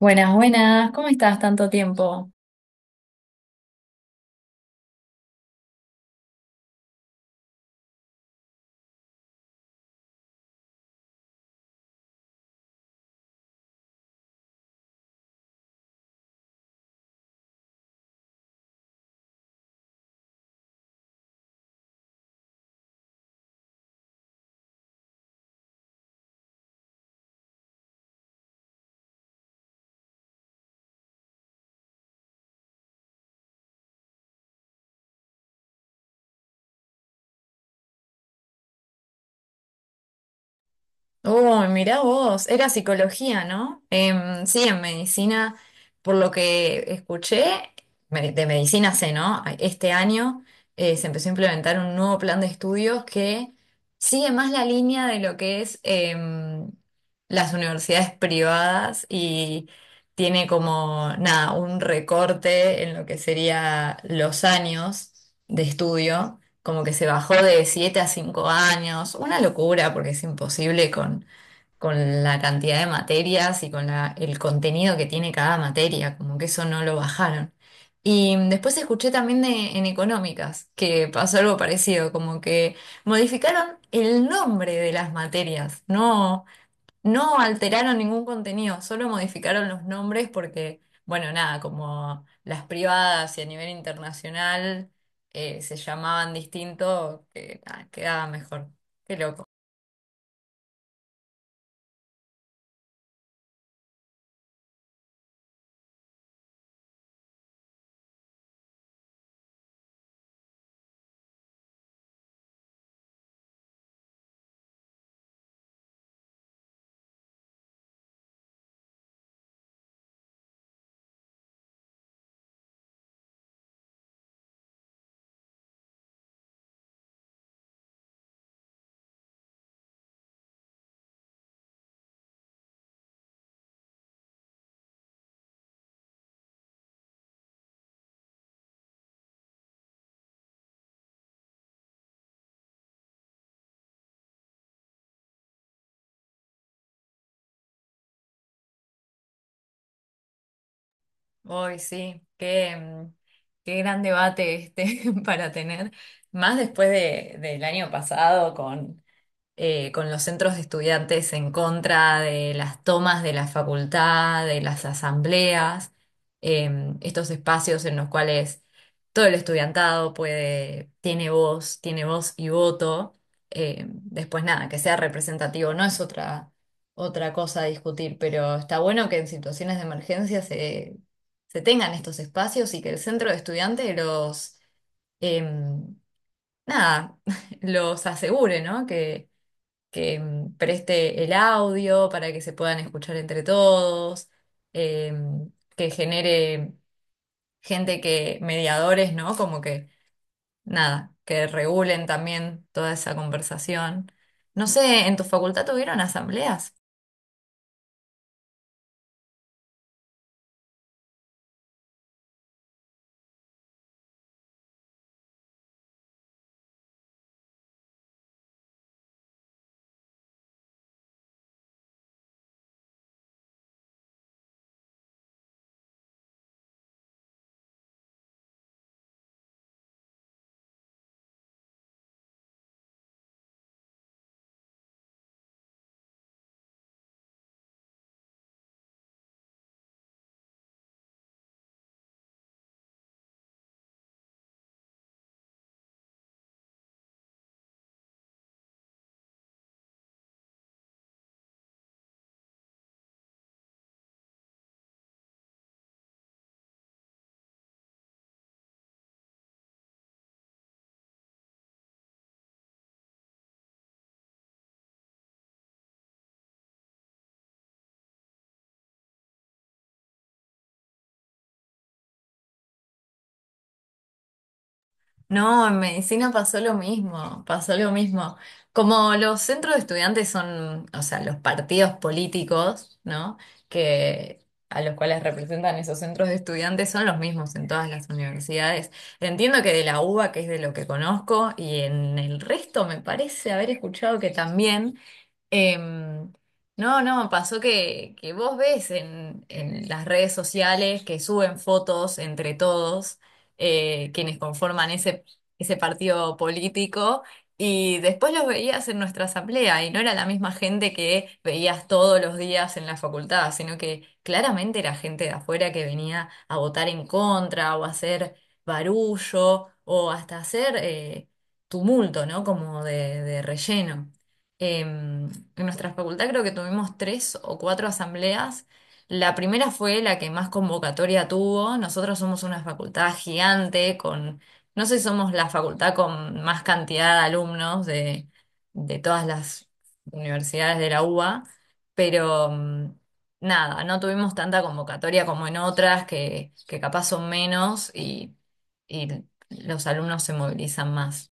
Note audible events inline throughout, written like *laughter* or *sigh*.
Buenas, buenas, ¿cómo estás? Tanto tiempo. Oh, mirá vos, era psicología, ¿no? Sí, en medicina, por lo que escuché, de medicina sé, ¿no? Este año se empezó a implementar un nuevo plan de estudios que sigue más la línea de lo que es em, las universidades privadas y tiene como, nada, un recorte en lo que sería los años de estudio. Como que se bajó de 7 a 5 años, una locura porque es imposible con la cantidad de materias y con el contenido que tiene cada materia, como que eso no lo bajaron. Y después escuché también de, en económicas que pasó algo parecido, como que modificaron el nombre de las materias, no, no alteraron ningún contenido, solo modificaron los nombres porque, bueno, nada, como las privadas y a nivel internacional se llamaban distinto, que, nada, quedaba mejor. Qué loco. Hoy sí, qué, qué gran debate este *laughs* para tener, más después de, del año pasado con los centros de estudiantes en contra de las tomas de la facultad, de las asambleas, eh, estos espacios en los cuales todo el estudiantado puede, tiene voz y voto. Después nada, que sea representativo no es otra, otra cosa a discutir, pero está bueno que en situaciones de emergencia se tengan estos espacios y que el centro de estudiantes los... em, Nada, *laughs* los asegure, ¿no? Que preste el audio para que se puedan escuchar entre todos, eh, que genere gente que, mediadores, ¿no? Como que, nada, que regulen también toda esa conversación. No sé, ¿en tu facultad tuvieron asambleas? No, en medicina pasó lo mismo, pasó lo mismo. Como los centros de estudiantes son, o sea, los partidos políticos, ¿no? Que a los cuales representan esos centros de estudiantes son los mismos en todas las universidades. Entiendo que de la UBA, que es de lo que conozco, y en el resto me parece haber escuchado que también. Em, no, no, pasó que vos ves en las redes sociales que suben fotos entre todos quienes conforman ese, ese partido político y después los veías en nuestra asamblea y no era la misma gente que veías todos los días en la facultad, sino que claramente era gente de afuera que venía a votar en contra o a hacer barullo o hasta hacer tumulto, ¿no? Como de relleno. Em, en nuestra facultad creo que tuvimos tres o cuatro asambleas. La primera fue la que más convocatoria tuvo. Nosotros somos una facultad gigante con, no sé, si somos la facultad con más cantidad de alumnos de todas las universidades de la UBA, pero nada, no tuvimos tanta convocatoria como en otras que capaz son menos y los alumnos se movilizan más.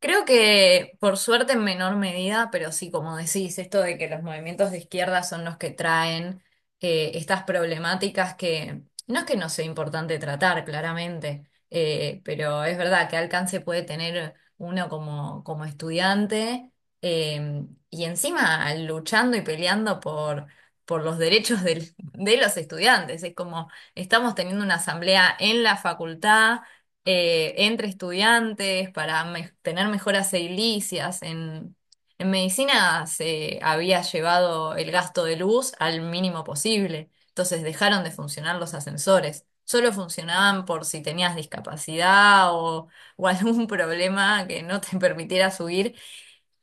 Creo que por suerte en menor medida, pero sí, como decís, esto de que los movimientos de izquierda son los que traen estas problemáticas que no es que no sea importante tratar, claramente, pero es verdad que alcance puede tener uno como, como estudiante y encima luchando y peleando por los derechos de los estudiantes. Es como estamos teniendo una asamblea en la facultad entre estudiantes para tener mejoras edilicias. En medicina se había llevado el gasto de luz al mínimo posible, entonces dejaron de funcionar los ascensores. Solo funcionaban por si tenías discapacidad o algún *laughs* problema que no te permitiera subir.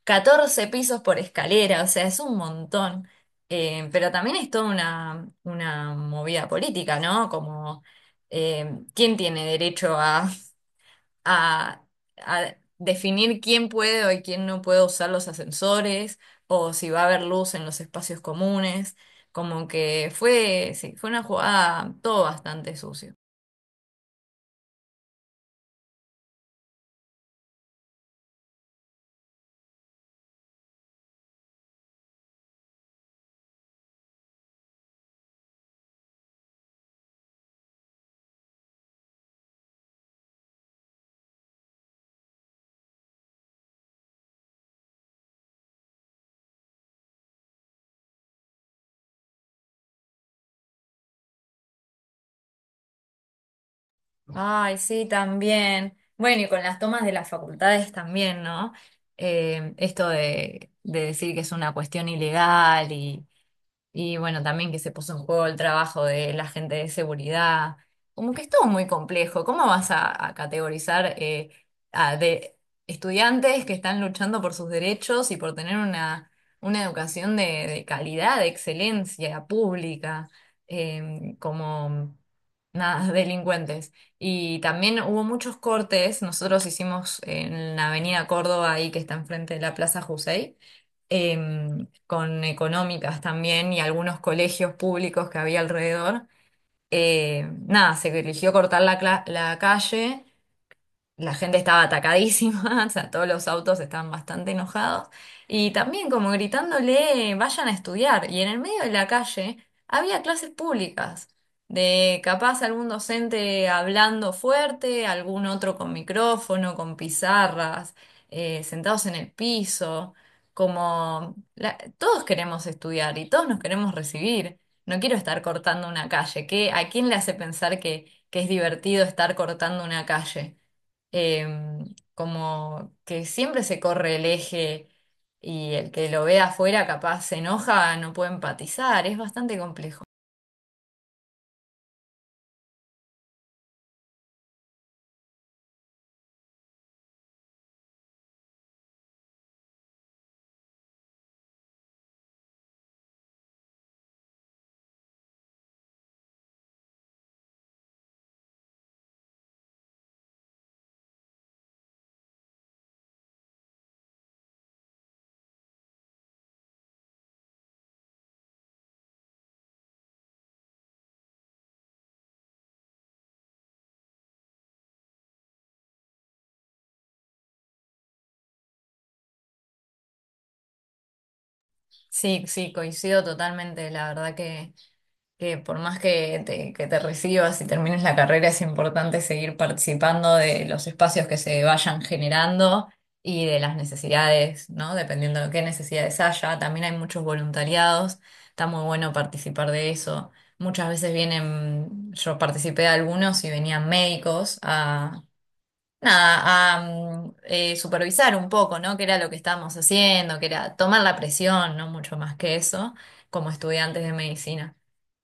Catorce pisos por escalera, o sea, es un montón. Pero también es toda una movida política, ¿no? Como ¿quién tiene derecho a, a definir quién puede o quién no puede usar los ascensores o si va a haber luz en los espacios comunes? Como que fue, sí, fue una jugada todo bastante sucio. Ay, sí, también. Bueno, y con las tomas de las facultades también, ¿no? Esto de decir que es una cuestión ilegal. Y bueno, también que se puso en juego el trabajo de la gente de seguridad. Como que es todo muy complejo. ¿Cómo vas a categorizar de estudiantes que están luchando por sus derechos y por tener una educación de calidad, de excelencia pública, como nada, *laughs* delincuentes? Y también hubo muchos cortes. Nosotros hicimos en la Avenida Córdoba, ahí que está enfrente de la Plaza Jusey con económicas también y algunos colegios públicos que había alrededor. Nada, se eligió cortar la, la calle. La gente estaba atacadísima, *laughs* o sea, todos los autos estaban bastante enojados y también como gritándole, vayan a estudiar. Y en el medio de la calle había clases públicas, de capaz algún docente hablando fuerte, algún otro con micrófono, con pizarras, sentados en el piso, como todos queremos estudiar y todos nos queremos recibir. No quiero estar cortando una calle, ¿qué? ¿A quién le hace pensar que es divertido estar cortando una calle? Em, como que siempre se corre el eje y el que lo ve afuera capaz se enoja, no puede empatizar, es bastante complejo. Sí, sí, coincido totalmente, la verdad que... Que por más que te recibas y termines la carrera, es importante seguir participando de los espacios que se vayan generando y de las necesidades, ¿no? Dependiendo de qué necesidades haya. También hay muchos voluntariados, está muy bueno participar de eso. Muchas veces vienen, yo participé de algunos y venían médicos a nada, a supervisar un poco, ¿no? Qué era lo que estábamos haciendo, que era tomar la presión, no mucho más que eso, como estudiantes de medicina.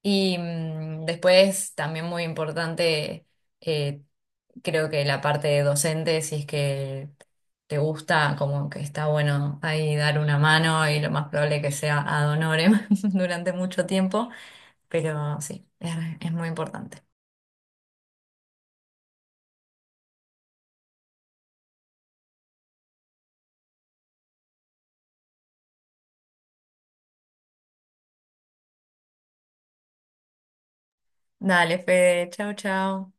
Y después, también muy importante, eh, creo que la parte de docente, si es que te gusta, como que está bueno ahí dar una mano y lo más probable que sea ad honorem *laughs* durante mucho tiempo, pero sí, es muy importante. Dale, Fede, chau, chau.